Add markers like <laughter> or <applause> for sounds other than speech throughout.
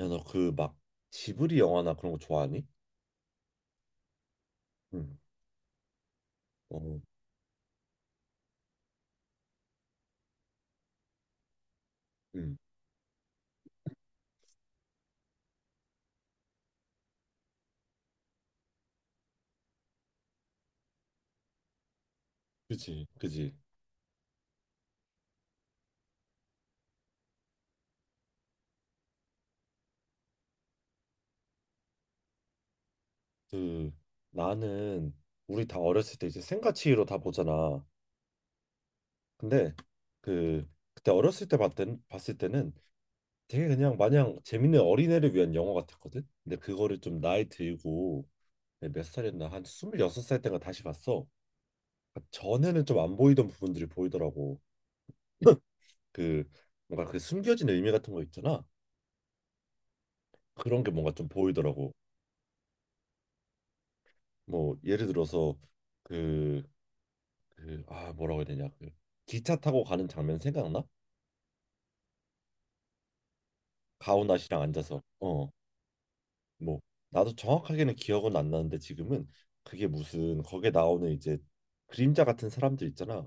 야, 너 그 막 지브리 영화나 그런 거 좋아하니? 응. 어, 응. 그지, 그지. 그 나는 우리 다 어렸을 때 이제 생가치로 다 보잖아. 근데 그 그때 어렸을 때 봤던 봤을 때는 되게 그냥 마냥 재밌는 어린애를 위한 영화 같았거든. 근데 그거를 좀 나이 들고 내가 몇 살이었나 한 26살 때가 다시 봤어. 그러니까 전에는 좀 안 보이던 부분들이 보이더라고. <laughs> 그 뭔가 그 숨겨진 의미 같은 거 있잖아. 그런 게 뭔가 좀 보이더라고. 뭐 예를 들어서 그, 그, 아 뭐라고 해야 되냐 그 기차 타고 가는 장면 생각나? 가오나 씨랑 앉아서 어, 뭐 나도 정확하게는 기억은 안 나는데 지금은 그게 무슨 거기에 나오는 이제 그림자 같은 사람들 있잖아.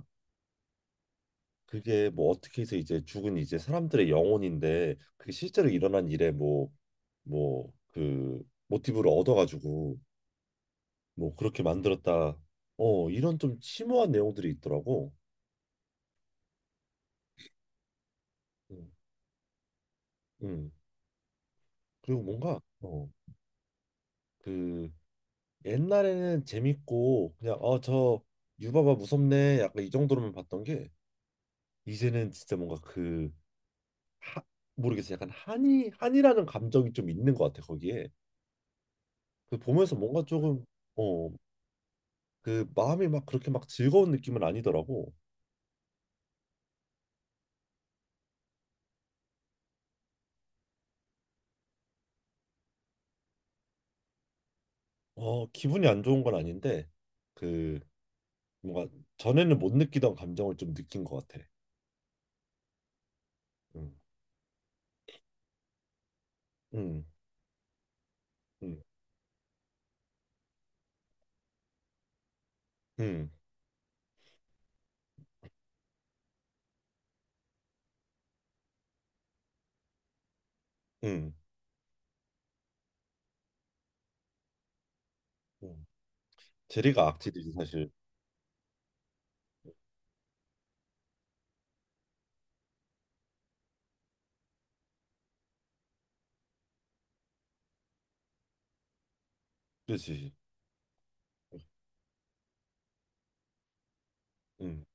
그게 뭐 어떻게 해서 이제 죽은 이제 사람들의 영혼인데 그게 실제로 일어난 일에 뭐 그 모티브를 얻어가지고 뭐 그렇게 만들었다. 어, 이런 좀 심오한 내용들이 있더라고. 음, 음. 그리고 뭔가 어, 그 옛날에는 재밌고 그냥 어, 저 유바바 무섭네 약간 이 정도로만 봤던 게 이제는 진짜 뭔가 그 하, 모르겠어. 약간 한이라는 감정이 좀 있는 것 같아 거기에. 그 보면서 뭔가 조금 어, 그 마음이 막 그렇게 막 즐거운 느낌은 아니더라고. 어, 기분이 안 좋은 건 아닌데 그 뭔가 전에는 못 느끼던 감정을 좀 느낀 것 같아. 음. 음. 음. 음. 음. 음. 제리가 악질이지 사실. 그렇지. 음.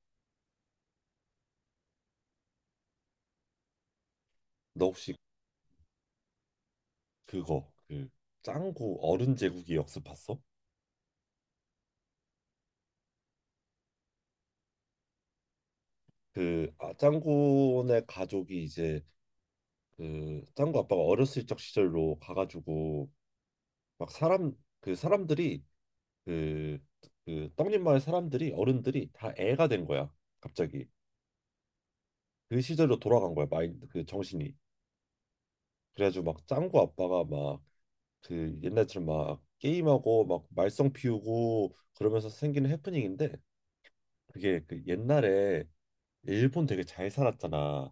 너 혹시 그거 그 짱구 어른 제국이 역습 봤어? 그 아, 짱구네 가족이 이제 그 짱구 아빠가 어렸을 적 시절로 가가지고 막 사람 그 사람들이 그 떡잎 마을 사람들이 어른들이 다 애가 된 거야 갑자기. 그 시절로 돌아간 거야 마인드 그 정신이. 그래가지고 막 짱구 아빠가 막 그 옛날처럼 막 게임하고 막 말썽 피우고 그러면서 생기는 해프닝인데 그게 그 옛날에 일본 되게 잘 살았잖아.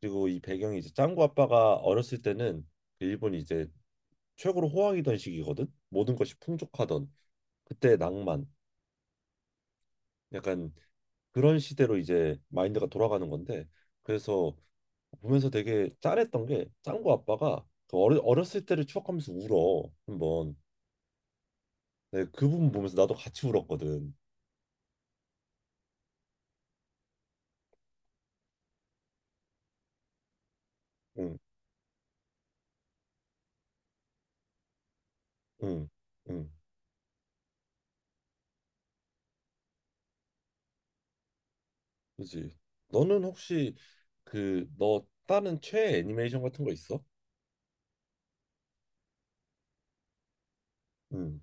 그리고 이 배경이 이제 짱구 아빠가 어렸을 때는 그 일본이 이제 최고로 호황이던 시기거든. 모든 것이 풍족하던 그때의 낭만. 약간 그런 시대로 이제 마인드가 돌아가는 건데 그래서 보면서 되게 짠했던 게 짱구 아빠가 그 어렸을 때를 추억하면서 울어 한번. 네, 그 부분 보면서 나도 같이 울었거든. 응, 응, 응. 그지. 너는 혹시 그 너 다른 최애 애니메이션 같은 거 있어? 응.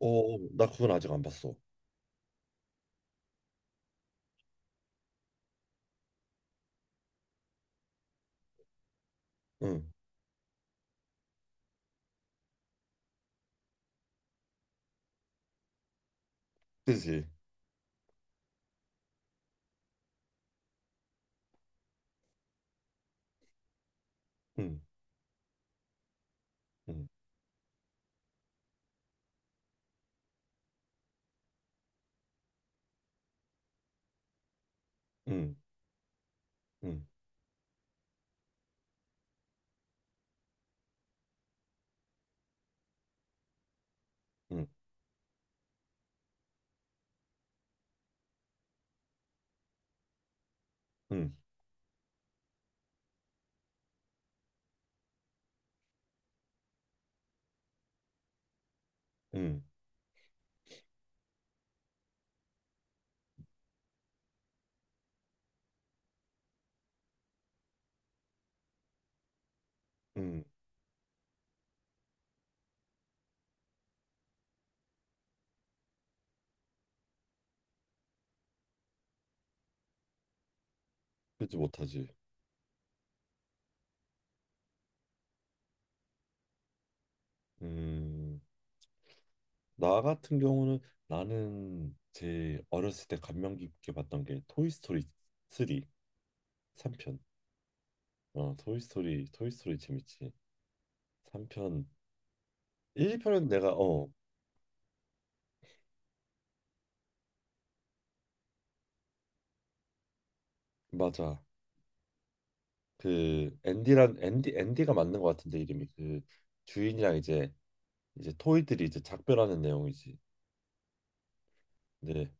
어, 나 그건 아직 안 봤어. 응. 그지? 응, 응, 응, 응, 응, 응, 응, 응, 그지 못하지. 음. 나 같은 경우는 나는 제 어렸을 때 감명 깊게 봤던 게 토이스토리 3, 삼편. 어, 토이스토리, 토이스토리 재밌지. 3편, 1편은 내가, 어, 맞아. 그, 앤디가 맞는 것 같은데, 이름이. 그, 주인이랑 이제 토이들이 이제 작별하는 내용이지. 네,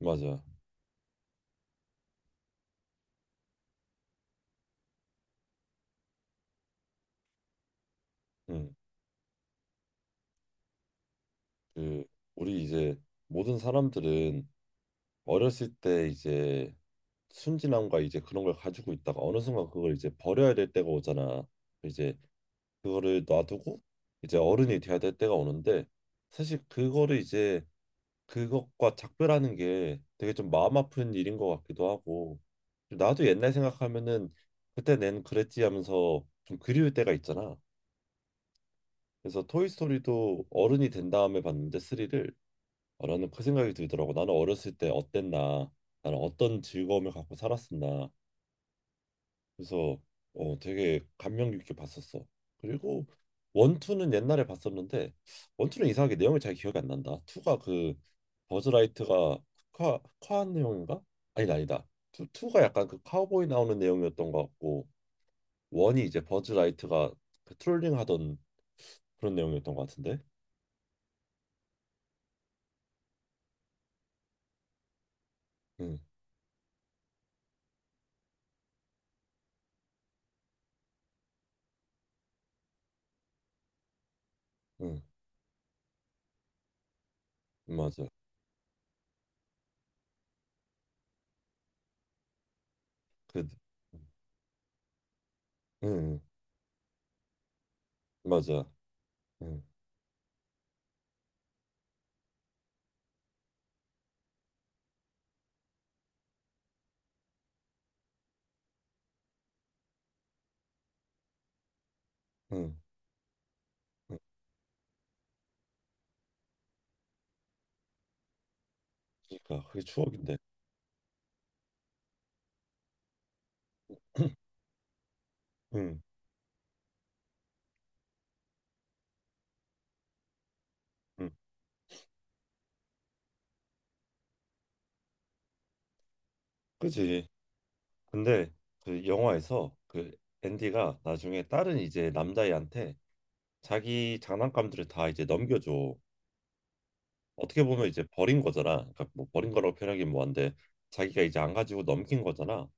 맞아. 응. 그 우리 이제 모든 사람들은 어렸을 때 이제 순진함과 이제 그런 걸 가지고 있다가 어느 순간 그걸 이제 버려야 될 때가 오잖아. 이제 그거를 놔두고 이제 어른이 돼야 될 때가 오는데 사실 그거를 이제 그것과 작별하는 게 되게 좀 마음 아픈 일인 것 같기도 하고 나도 옛날 생각하면은 그때 낸 그랬지 하면서 좀 그리울 때가 있잖아. 그래서 토이스토리도 어른이 된 다음에 봤는데 3를 라는 그 생각이 들더라고. 나는 어렸을 때 어땠나? 나는 어떤 즐거움을 갖고 살았었나? 그래서 어, 되게 감명 깊게 봤었어. 그리고 원투는 옛날에 봤었는데 원투는 이상하게 내용이 잘 기억이 안 난다. 투가 그 버즈라이트가 카 카한 내용인가? 아니다 아니다. 투 투가 약간 그 카우보이 나오는 내용이었던 것 같고 원이 이제 버즈라이트가 그 트롤링 하던 그런 내용이었던 것 같은데. 응, 응, 맞아. 그, 응, 응, 맞아. 응, 응, 응. 그러니까 그게 추억인데. <clears throat> 응, 응. 그지. 근데 그 영화에서 그 앤디가 나중에 다른 이제 남자애한테 자기 장난감들을 다 이제 넘겨줘. 어떻게 보면 이제 버린 거잖아. 그러니까 뭐 버린 거라고 표현하긴 뭐한데 자기가 이제 안 가지고 넘긴 거잖아.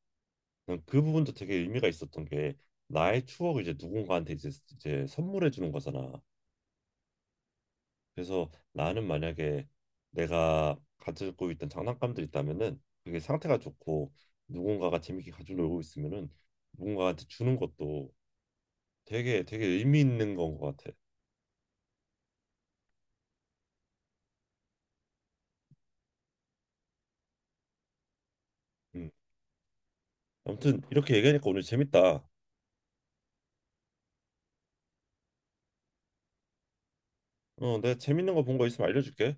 난그 부분도 되게 의미가 있었던 게 나의 추억을 이제 누군가한테 이제 선물해 주는 거잖아. 그래서 나는 만약에 내가 가지고 있던 장난감들 있다면은 그게 상태가 좋고 누군가가 재밌게 가지고 놀고 있으면은 누군가한테 주는 것도 되게 되게 의미 있는 건 것 같아. 음. 아무튼 이렇게 얘기하니까 오늘 재밌다. 어, 내가 재밌는 거 본 거 있으면 알려줄게.